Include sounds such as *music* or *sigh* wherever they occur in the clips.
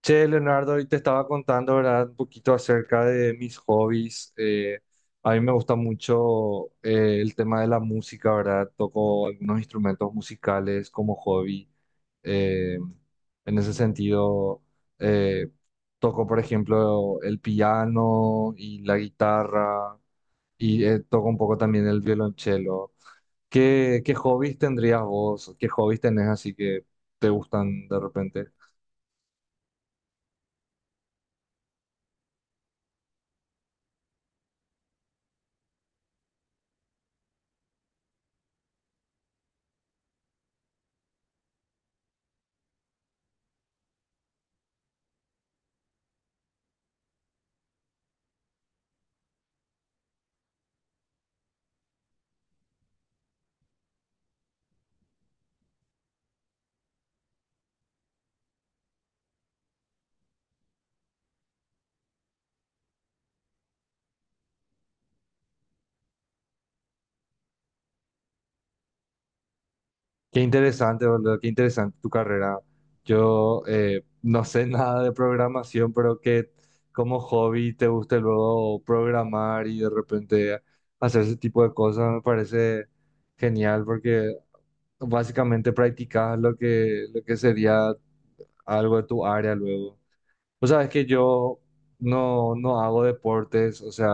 Che, Leonardo, hoy te estaba contando, ¿verdad? Un poquito acerca de mis hobbies. A mí me gusta mucho el tema de la música, ¿verdad? Toco algunos instrumentos musicales como hobby. Eh, en ese sentido, eh, toco, por ejemplo, el piano y la guitarra y toco un poco también el violonchelo. ¿Qué hobbies tendrías vos? ¿Qué hobbies tenés así que te gustan de repente? Qué interesante, boludo, qué interesante tu carrera. Yo no sé *laughs* nada de programación, pero que como hobby te guste luego programar y de repente hacer ese tipo de cosas me parece genial porque básicamente practicas lo que sería algo de tu área luego. O sabes que yo no hago deportes, o sea,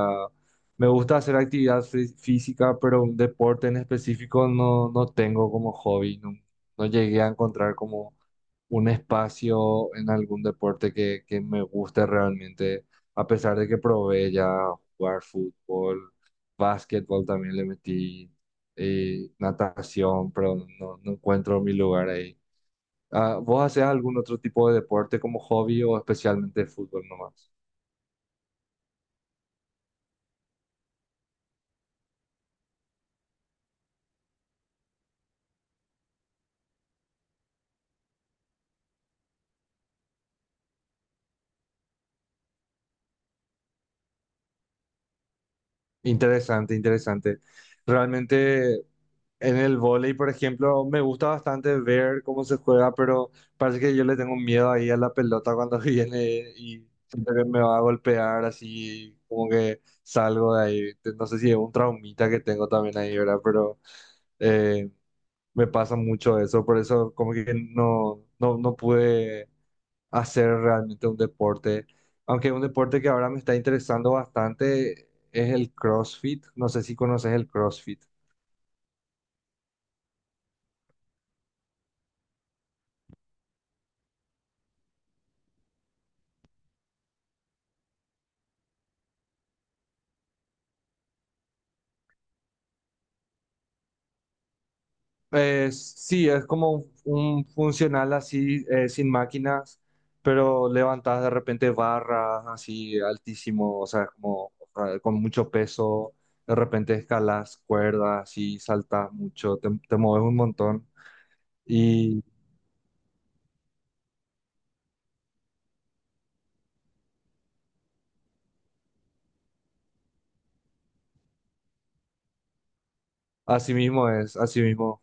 me gusta hacer actividad física, pero un deporte en específico no tengo como hobby, no, no llegué a encontrar como un espacio en algún deporte que me guste realmente, a pesar de que probé ya jugar fútbol, básquetbol también le metí, natación, pero no, no encuentro mi lugar ahí. Ah, ¿vos hacés algún otro tipo de deporte como hobby o especialmente fútbol nomás? Interesante, interesante. Realmente en el vóley, por ejemplo, me gusta bastante ver cómo se juega, pero parece que yo le tengo miedo ahí a la pelota cuando *laughs* viene y siento que me va a golpear así, como que salgo de ahí. No sé si es un traumita que tengo también ahí, ¿verdad? Pero eh, me pasa mucho eso, por eso como que no pude hacer realmente un deporte. Aunque un deporte que ahora me está interesando bastante es el CrossFit. No sé si conoces el CrossFit. Es, sí, es como un funcional así, sin máquinas, pero levantas de repente barras así altísimo, o sea, como con mucho peso. De repente escalas cuerdas y saltas mucho, te mueves un montón. Y así mismo es, así mismo.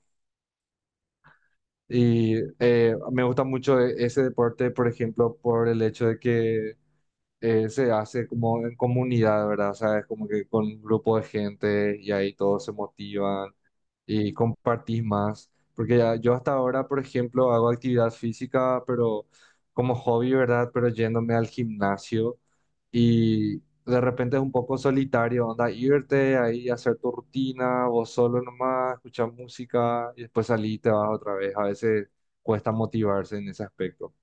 Y me gusta mucho ese deporte, por ejemplo, por el hecho de que se hace como en comunidad, ¿verdad? O sea, es como que con un grupo de gente y ahí todos se motivan y compartís más. Porque ya, yo hasta ahora, por ejemplo, hago actividad física, pero como hobby, ¿verdad? Pero yéndome al gimnasio y de repente es un poco solitario, onda, irte ahí, hacer tu rutina, vos solo nomás, escuchar música y después salir y te vas otra vez. A veces cuesta motivarse en ese aspecto.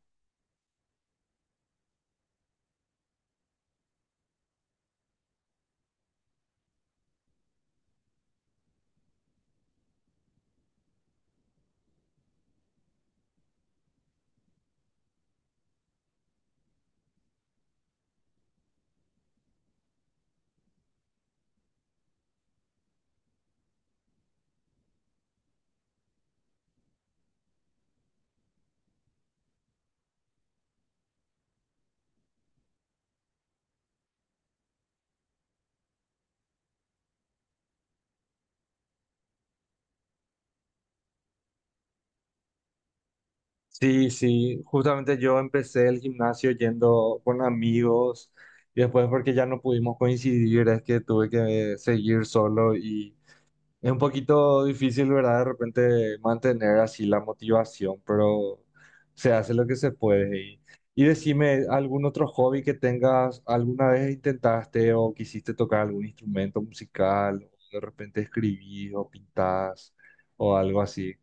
Sí, sí, justamente yo empecé el gimnasio yendo con amigos y después porque ya no pudimos coincidir es que tuve que seguir solo y es un poquito difícil, ¿verdad? De repente mantener así la motivación, pero se hace lo que se puede. Y decime, ¿algún otro hobby que tengas? ¿Alguna vez intentaste o quisiste tocar algún instrumento musical? O de repente escribís o pintás o algo así.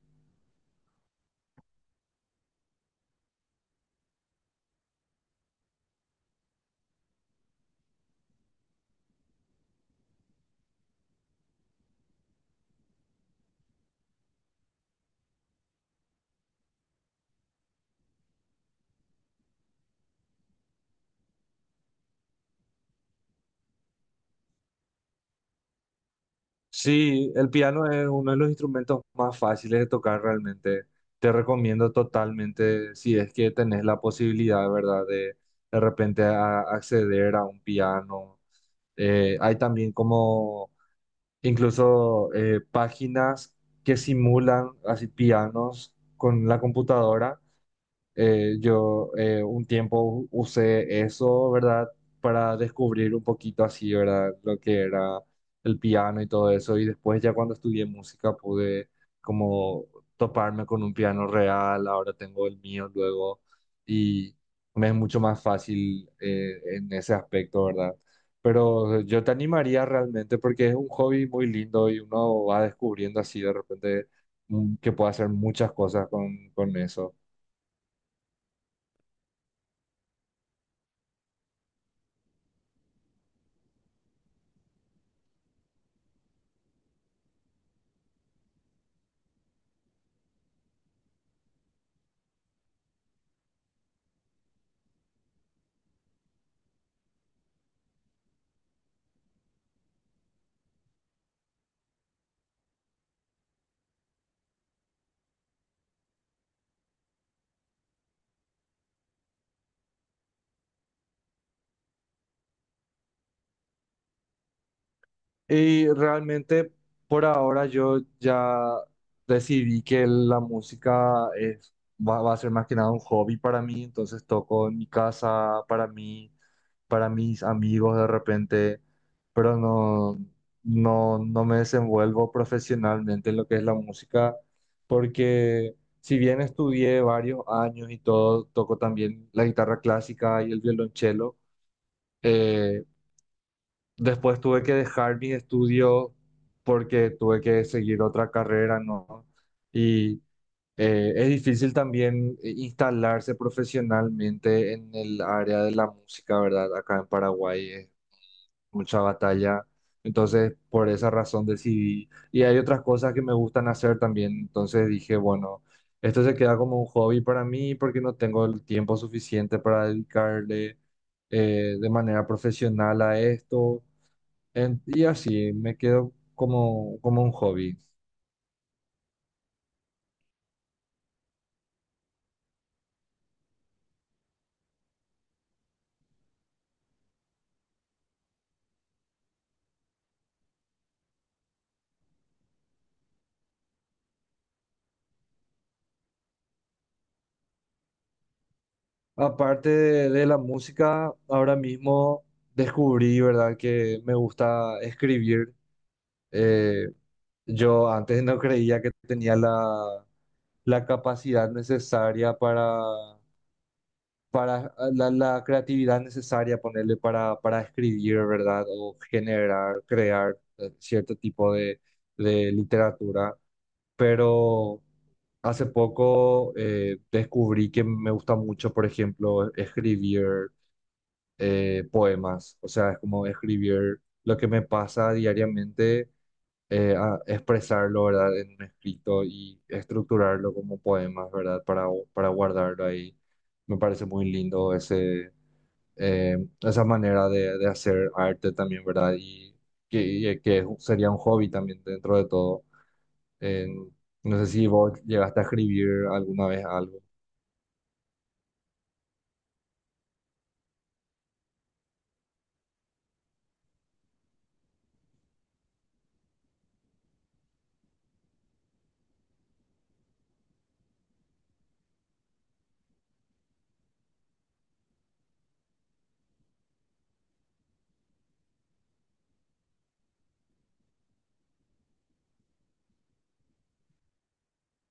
Sí, el piano es uno de los instrumentos más fáciles de tocar realmente. Te recomiendo totalmente, si es que tenés la posibilidad, ¿verdad? De repente acceder a un piano. Hay también como incluso páginas que simulan así pianos con la computadora. Yo un tiempo usé eso, ¿verdad? Para descubrir un poquito así, ¿verdad? Lo que era el piano y todo eso. Y después ya cuando estudié música pude como toparme con un piano real. Ahora tengo el mío luego y me es mucho más fácil en ese aspecto, ¿verdad? Pero yo te animaría realmente porque es un hobby muy lindo y uno va descubriendo así de repente que puede hacer muchas cosas con eso. Y realmente por ahora yo ya decidí que la música es, va, va a ser más que nada un hobby para mí, entonces toco en mi casa, para mí, para mis amigos de repente, pero no, no me desenvuelvo profesionalmente en lo que es la música, porque si bien estudié varios años y todo, toco también la guitarra clásica y el violonchelo. Eh, Después tuve que dejar mis estudios porque tuve que seguir otra carrera, ¿no? Y es difícil también instalarse profesionalmente en el área de la música, ¿verdad? Acá en Paraguay es mucha batalla. Entonces, por esa razón decidí. Y hay otras cosas que me gustan hacer también. Entonces dije, bueno, esto se queda como un hobby para mí porque no tengo el tiempo suficiente para dedicarle de manera profesional a esto. Y así me quedo como, como un hobby. Aparte de la música, ahora mismo descubrí, ¿verdad?, que me gusta escribir. Eh, yo antes no creía que tenía la, la capacidad necesaria para la, la creatividad necesaria, ponerle para escribir, ¿verdad?, o generar, crear cierto tipo de literatura. Pero hace poco descubrí que me gusta mucho, por ejemplo, escribir poemas. O sea, es como escribir lo que me pasa diariamente, a expresarlo, ¿verdad? En un escrito y estructurarlo como poemas, ¿verdad? Para guardarlo ahí. Me parece muy lindo ese, eh, esa manera de hacer arte también, ¿verdad? Y que sería un hobby también dentro de todo. En- no sé si vos llegaste a escribir alguna vez algo.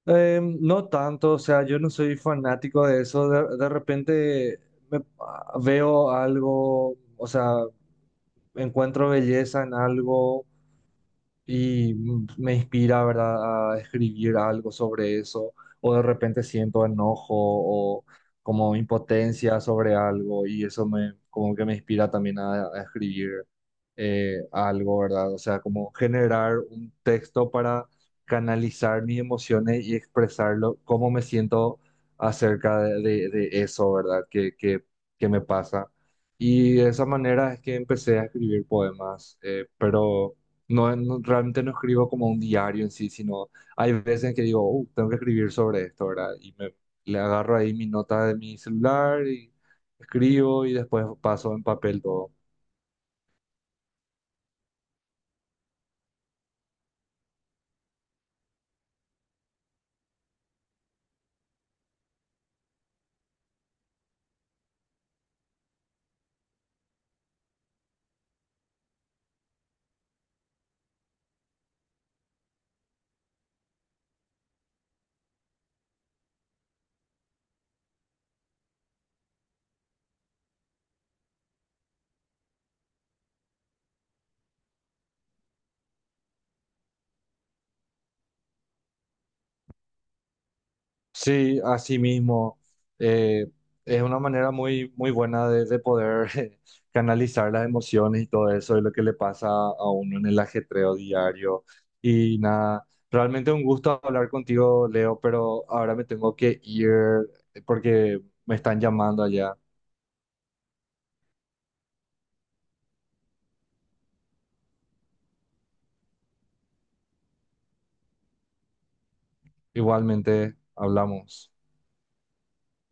No tanto, o sea, yo no soy fanático de eso. De repente veo algo, o sea, encuentro belleza en algo y me inspira, ¿verdad?, a escribir algo sobre eso, o de repente siento enojo o como impotencia sobre algo y eso me, como que me inspira también a escribir algo, ¿verdad? O sea, como generar un texto para canalizar mis emociones y expresarlo, cómo me siento acerca de, de eso, ¿verdad?, que me pasa. Y de esa manera es que empecé a escribir poemas, pero... No, realmente no escribo como un diario en sí, sino hay veces en que digo, tengo que escribir sobre esto, ¿verdad?" Y me, le agarro ahí mi nota de mi celular y escribo y después paso en papel todo. Sí, así mismo. eh, es una manera muy, muy buena de poder *laughs* canalizar las emociones y todo eso, y lo que le pasa a uno en el ajetreo diario. Y nada, realmente un gusto hablar contigo, Leo, pero ahora me tengo que ir porque me están llamando allá. Igualmente, hablamos.